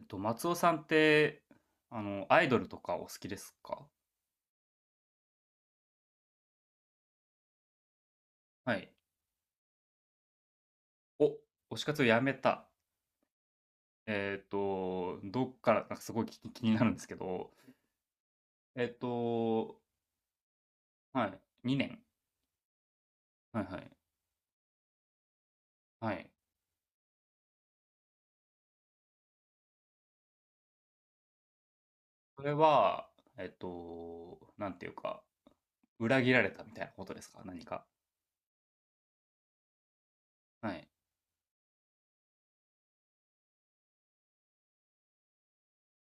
松尾さんって、アイドルとかお好きですか？はい。お、推し活をやめた。どっから、なんかすごい気になるんですけど、えっと、はい、2年。はいはい。はい。それは、なんていうか、裏切られたみたいなことですか、何か。はい。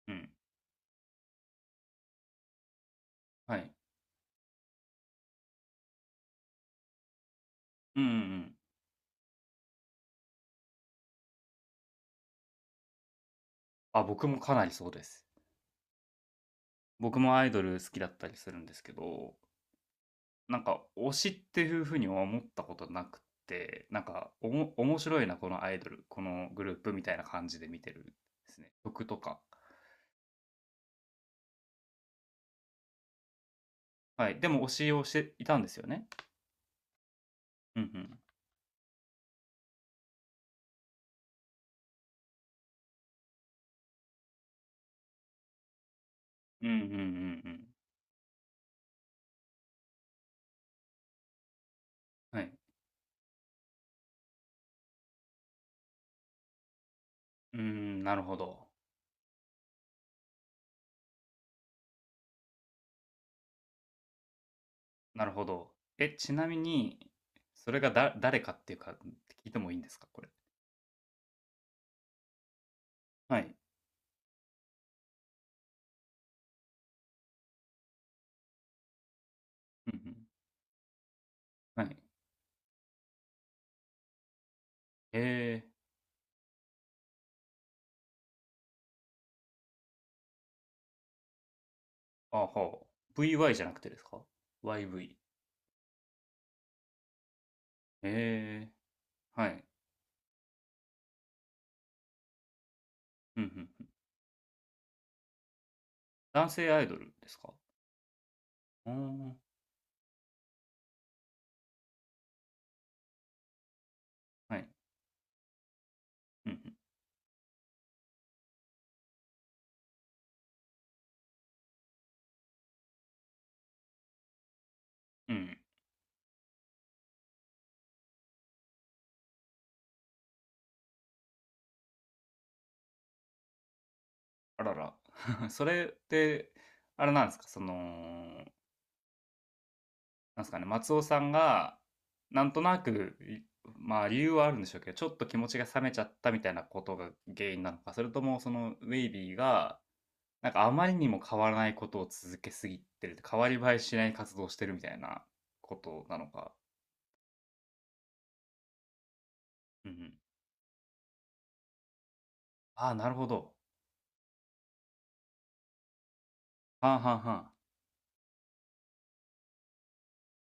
うん。はい。うんうんうん。あ、僕もかなりそうです。僕もアイドル好きだったりするんですけど、なんか推しっていうふうには思ったことなくて、なんか面白いな、このアイドル、このグループみたいな感じで見てるんですね。曲とか。はい。でも推しをしていたんですよね。うんうん。うんうんうんうん。はい。うーん、なるほど。なるほど。え、ちなみに、それが誰かっていうか、聞いてもいいんですか、これ。はい。うんうん。はい。えー、あ、はあ。VY じゃなくてですか？ YV？えー、はい。うんうん。男性アイドルですか？あ、はい。うんうん。うん。あらら。それって、あれなんですか、その、なんですかね、松尾さんが、なんとなく、まあ、理由はあるんでしょうけど、ちょっと気持ちが冷めちゃったみたいなことが原因なのか、それともそのウェイビーが、なんかあまりにも変わらないことを続けすぎてる、変わり映えしない活動をしてるみたいなことなのか。うんうん。ああ、なるほど。はんはんはん。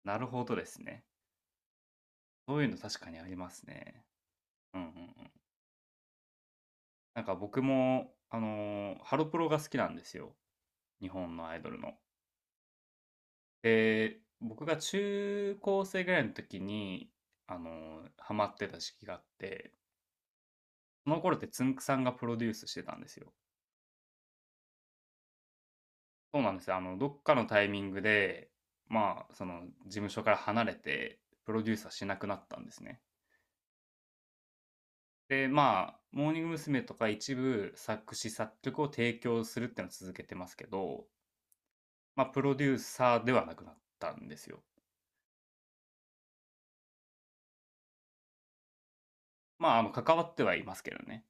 なるほどですね。そういうの確かにありますね。うんうんうん。なんか僕も、ハロプロが好きなんですよ。日本のアイドルの。で、僕が中高生ぐらいの時に、あのハマってた時期があって、その頃ってつんくさんがプロデュースしてたんですよ。そうなんですよ。どっかのタイミングで、まあ、事務所から離れて、プロデューサーしなくなったんですね。で、まあ、モーニング娘。とか一部作詞作曲を提供するっていうのを続けてますけど、まあ、プロデューサーではなくなったんですよ。まあ、関わってはいますけどね。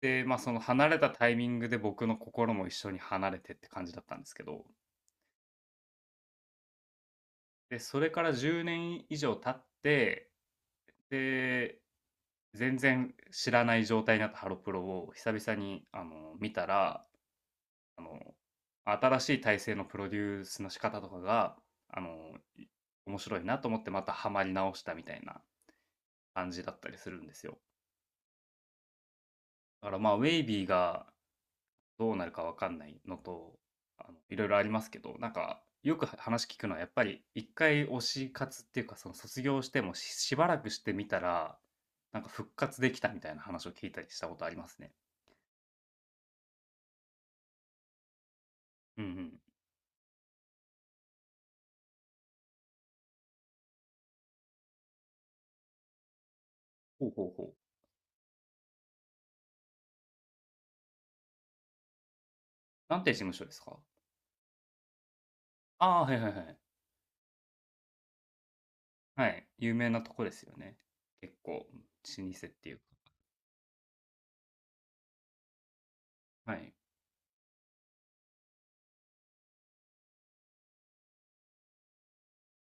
で、まあ、その離れたタイミングで僕の心も一緒に離れてって感じだったんですけど、で、それから10年以上経って、で、全然知らない状態になったハロプロを久々に、見たら、あの、新しい体制のプロデュースの仕方とかが、あの、面白いなと思ってまたハマり直したみたいな感じだったりするんですよ。だからまあ、ウェイビーがどうなるかわかんないのと、いろいろありますけど、なんか、よく話聞くのは、やっぱり一回推し活っていうか、その卒業してしばらくしてみたら、なんか復活できたみたいな話を聞いたりしたことありますね。うんうん。ほうほうほう。なんて事務所ですか？ああー、はいはいはい。はい。有名なとこですよね。結構、老舗っていうか。はい。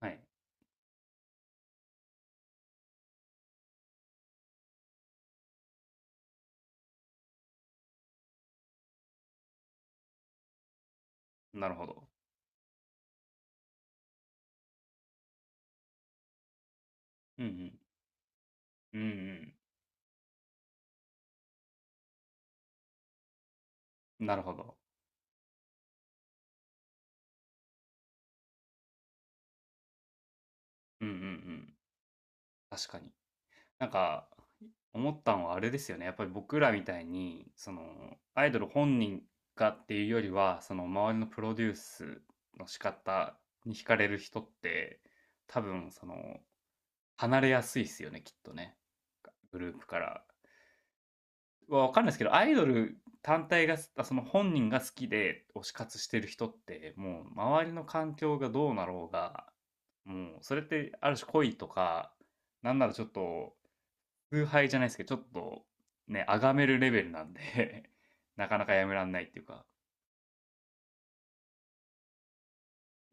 はい。なるほど。うんうん。うんうん。なるほど。うんうんうん。確かに。なんか、思ったのはあれですよね。やっぱり僕らみたいに、アイドル本人がっていうよりは、その周りのプロデュースの仕方に惹かれる人って、多分離れやすいっすよね、きっとね。グループから。わかんないですけど、アイドル単体が、その本人が好きで推し活してる人って、もう周りの環境がどうなろうが、もうそれってある種恋とか、なんならちょっと崇拝じゃないですけど、ちょっとね、崇めるレベルなんで なかなかやめらんないっていうか。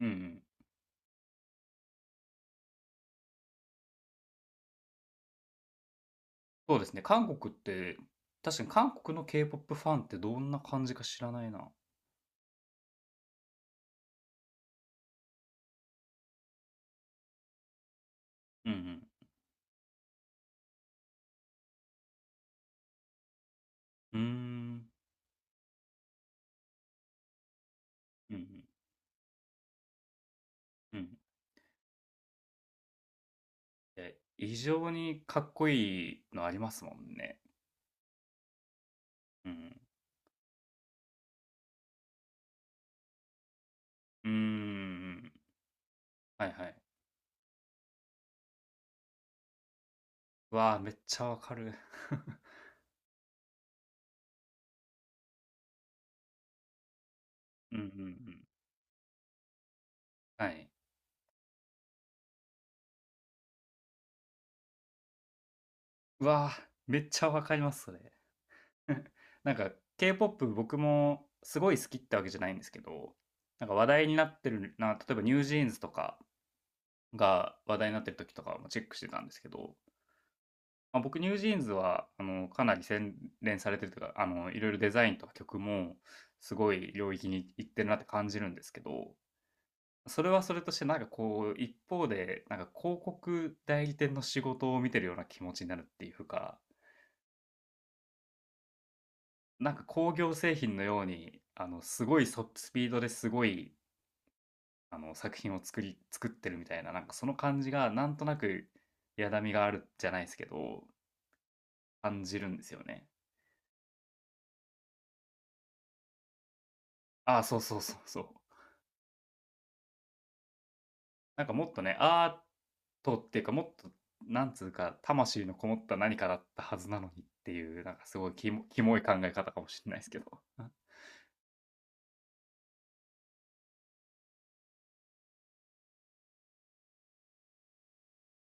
うんうん。そうですね。韓国って、確かに韓国の K-POP ファンってどんな感じか知らないな。うんうん。うーん。うんうん。うん。え、異常にかっこいいのありますもんね。うん。うーん。はいはい。うわあ、めっちゃわかる。うんうんうん。はい。うわあ、めっちゃわかります、それ。なんか K-POP 僕もすごい好きってわけじゃないんですけど、なんか話題になってるな、例えばニュージーンズとかが話題になってる時とかもチェックしてたんですけど、まあ、僕ニュージーンズはかなり洗練されてるというか、いろいろデザインとか曲もすごい領域に行ってるなって感じるんですけど、それはそれとしてなんかこう一方でなんか広告代理店の仕事を見てるような気持ちになるっていうか、なんか工業製品のように、すごいスピードですごい、作品を作ってるみたいな、なんかその感じが、なんとなく、やだみがあるじゃないですけど、感じるんですよね。ああ、そうそうそうそう。なんかもっとね、アートっていうか、もっと、なんつうか、魂のこもった何かだったはずなのにっていう、なんかすごいキモい考え方かもしれないですけど。は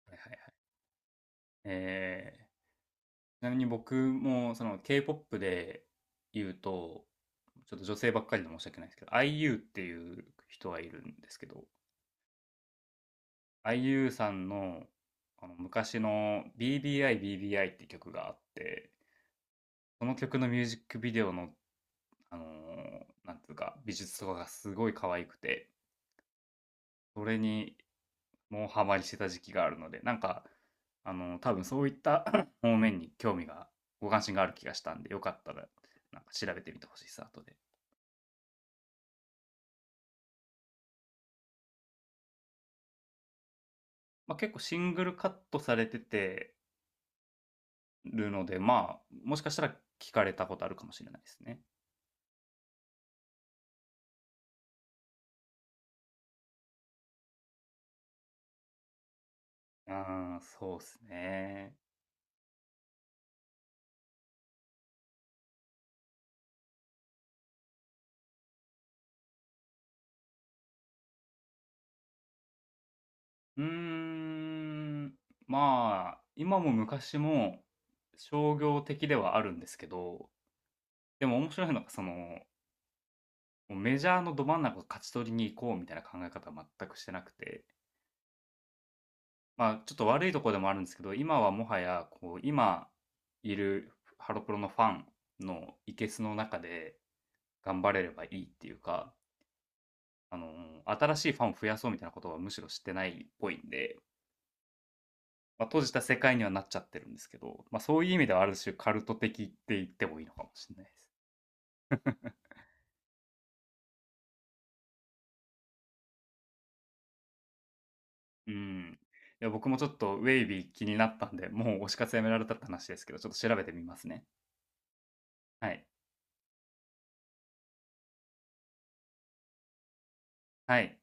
いはいはい。えーちなみに僕もその K-POP で言うと、ちょっと女性ばっかりで申し訳ないですけど、IU っていう人がいるんですけど、IU さんのあの昔の BBI BBI って曲があって、その曲のミュージックビデオの、あのーなんていうか、美術とかがすごい可愛くて、それにもうハマりしてた時期があるので、なんか、多分そういった 方面に興味が、ご関心がある気がしたんで、よかったら、なんか調べてみてほしいです、後で。まあ、結構シングルカットされててるので、まあ、もしかしたら聞かれたことあるかもしれないですね。ああ、そうですね。うーん、まあ、今も昔も商業的ではあるんですけど、でも面白いのがもうメジャーのど真ん中を勝ち取りに行こうみたいな考え方は全くしてなくて、まあ、ちょっと悪いところでもあるんですけど、今はもはや今いるハロプロのファンのケスの中で頑張れればいいっていうか、あの新しいファンを増やそうみたいなことはむしろ知ってないっぽいんで、まあ、閉じた世界にはなっちゃってるんですけど、まあ、そういう意味ではある種カルト的って言ってもいいのかもしれないです。うん。いや僕もちょっとウェイビー気になったんで、もう推し活やめられたって話ですけど、ちょっと調べてみますね。はい。はい。